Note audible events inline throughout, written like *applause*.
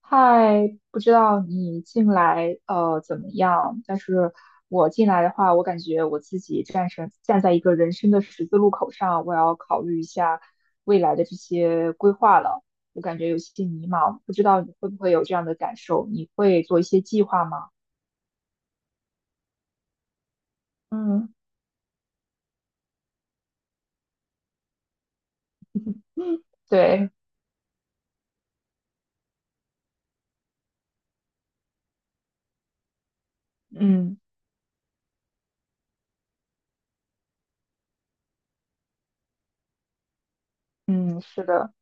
嗨，不知道你进来怎么样？但是我进来的话，我感觉我自己站在一个人生的十字路口上，我要考虑一下未来的这些规划了。我感觉有些迷茫，不知道你会不会有这样的感受？你会做一些计划吗？嗯，对，嗯嗯，是的。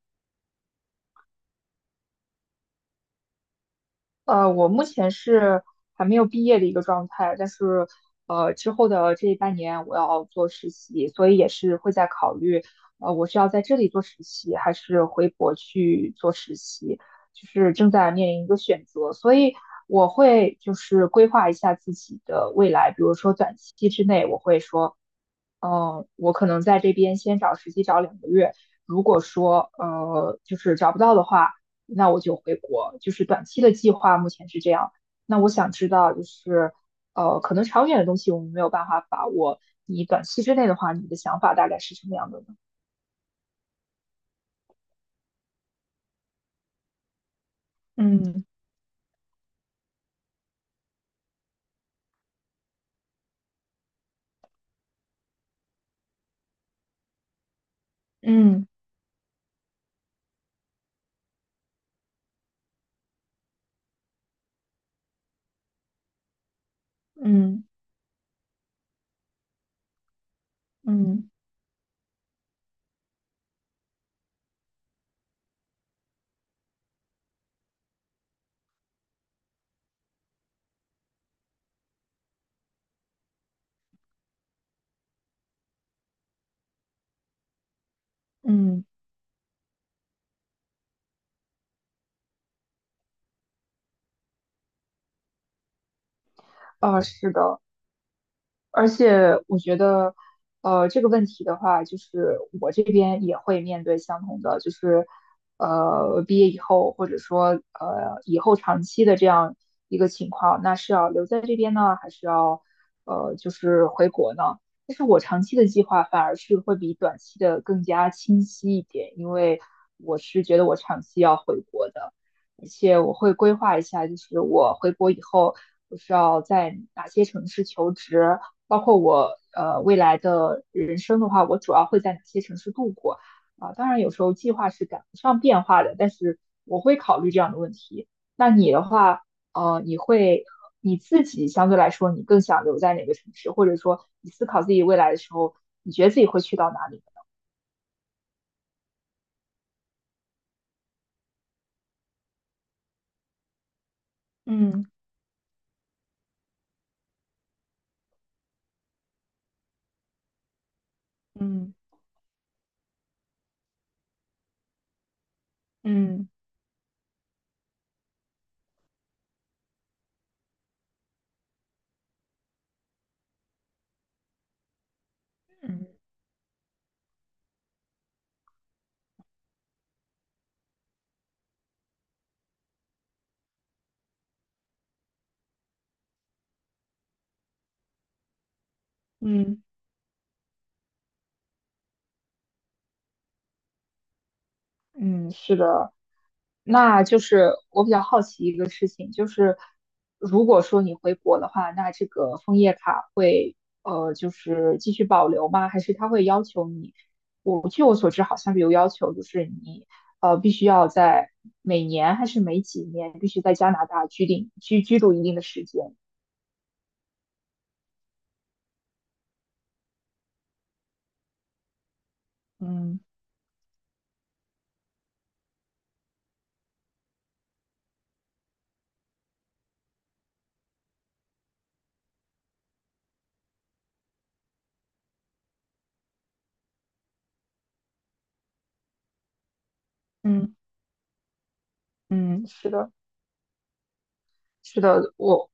我目前是还没有毕业的一个状态，但是之后的这半年我要做实习，所以也是会在考虑，我是要在这里做实习，还是回国去做实习，就是正在面临一个选择，所以我会就是规划一下自己的未来，比如说短期之内，我会说，嗯、我可能在这边先找实习找2个月，如果说就是找不到的话。那我就回国，就是短期的计划目前是这样。那我想知道，就是可能长远的东西我们没有办法把握。你短期之内的话，你的想法大概是什么样的呢？嗯嗯嗯嗯嗯，啊、是的。而且我觉得，这个问题的话，就是我这边也会面对相同的，就是，毕业以后，或者说，以后长期的这样一个情况，那是要留在这边呢，还是要，就是回国呢？但是我长期的计划反而是会比短期的更加清晰一点，因为我是觉得我长期要回国的，而且我会规划一下，就是我回国以后，我是要在哪些城市求职。包括我未来的人生的话，我主要会在哪些城市度过啊？当然有时候计划是赶不上变化的，但是我会考虑这样的问题。那你的话，呃，你会你自己相对来说，你更想留在哪个城市，或者说你思考自己未来的时候，你觉得自己会去到哪里？嗯嗯嗯嗯嗯，嗯，是的，那就是我比较好奇一个事情，就是如果说你回国的话，那这个枫叶卡会就是继续保留吗？还是他会要求你？我据我所知，好像是有要求，就是你必须要在每年还是每几年必须在加拿大定居居住一定的时间。嗯嗯嗯，是的，是的，我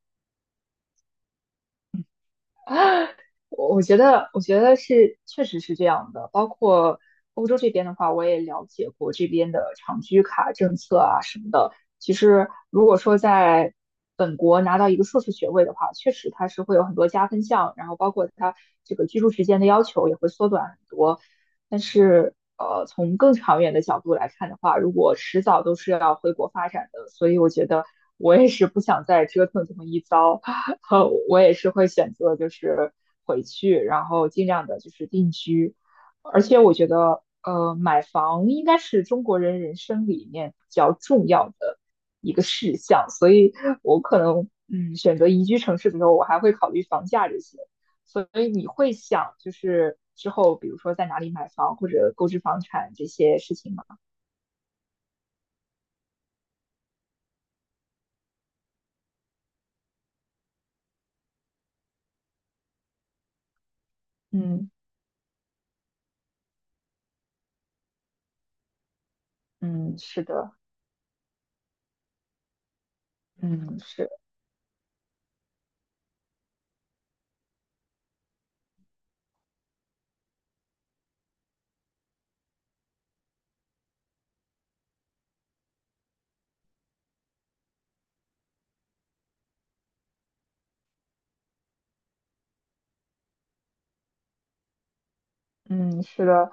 我我觉得，我觉得是，确实是这样的。包括欧洲这边的话，我也了解过这边的长居卡政策啊什么的。其实，如果说在本国拿到一个硕士学位的话，确实它是会有很多加分项，然后包括它这个居住时间的要求也会缩短很多。但是，从更长远的角度来看的话，如果迟早都是要回国发展的，所以我觉得我也是不想再折腾这么一遭，*laughs* 我也是会选择就是回去，然后尽量的就是定居。而且我觉得，买房应该是中国人人生里面比较重要的一个事项，所以我可能，选择宜居城市的时候，我还会考虑房价这些。所以你会想就是之后比如说在哪里买房或者购置房产这些事情吗？嗯嗯，是的，嗯是。嗯，是的，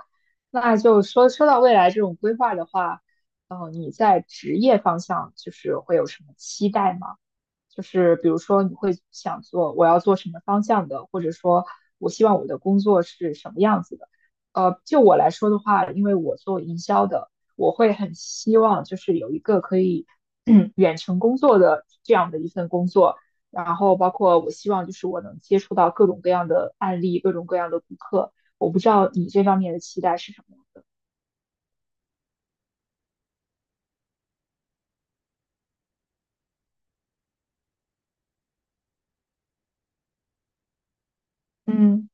那就说说到未来这种规划的话，你在职业方向就是会有什么期待吗？就是比如说你会想做我要做什么方向的，或者说我希望我的工作是什么样子的？就我来说的话，因为我做营销的，我会很希望就是有一个可以 *clears throat* 远程工作的这样的一份工作，然后包括我希望就是我能接触到各种各样的案例，各种各样的顾客。我不知道你这方面的期待是什么样的。嗯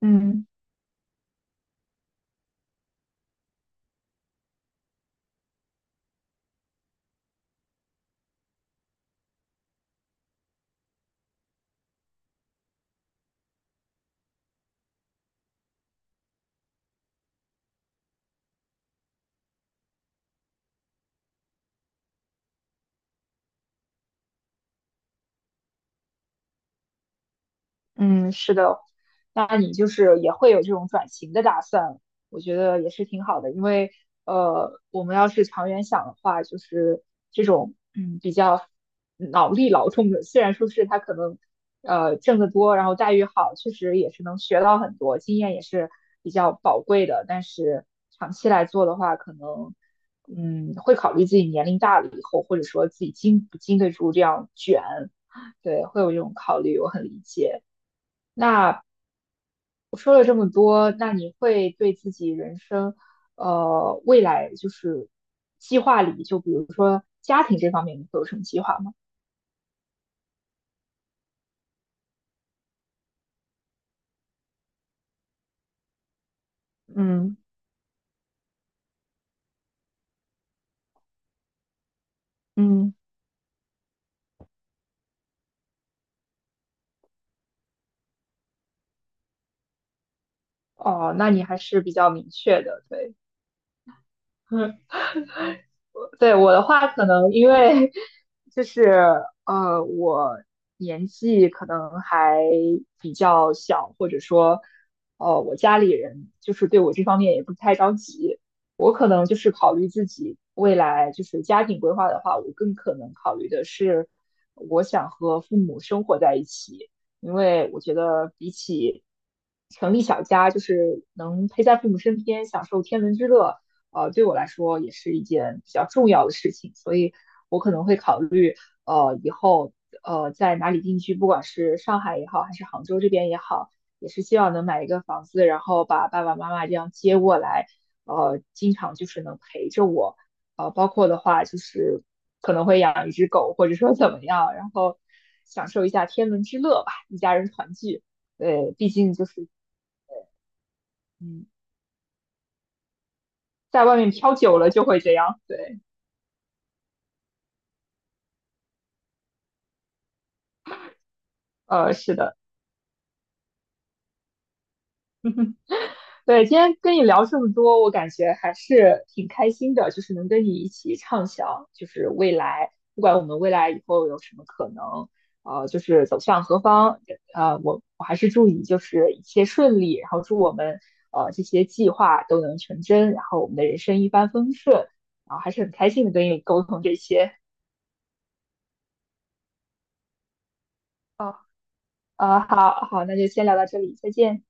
嗯。嗯，是的，那你就是也会有这种转型的打算，我觉得也是挺好的，因为我们要是长远想的话，就是这种比较脑力劳动的，虽然说是他可能挣得多，然后待遇好，确实也是能学到很多，经验也是比较宝贵的，但是长期来做的话，可能会考虑自己年龄大了以后，或者说自己经不经得住这样卷，*laughs* 对，会有这种考虑，我很理解。那我说了这么多，那你会对自己人生，未来就是计划里，就比如说家庭这方面，你会有什么计划吗？嗯嗯。哦，那你还是比较明确的，对。*laughs* 对我的话，可能因为就是我年纪可能还比较小，或者说我家里人就是对我这方面也不太着急。我可能就是考虑自己未来就是家庭规划的话，我更可能考虑的是我想和父母生活在一起。因为我觉得比起成立小家，就是能陪在父母身边，享受天伦之乐，对我来说也是一件比较重要的事情，所以我可能会考虑，以后在哪里定居，不管是上海也好，还是杭州这边也好，也是希望能买一个房子，然后把爸爸妈妈这样接过来，经常就是能陪着我。包括的话就是可能会养一只狗，或者说怎么样，然后享受一下天伦之乐吧，一家人团聚。对，毕竟就是嗯，在外面飘久了就会这样。对，是的。对，今天跟你聊这么多，我感觉还是挺开心的，就是能跟你一起畅想，就是未来，不管我们未来以后有什么可能，就是走向何方，我还是祝你就是一切顺利，然后祝我们这些计划都能成真，然后我们的人生一帆风顺，然后还是很开心的跟你沟通这些。哦，好好，那就先聊到这里，再见。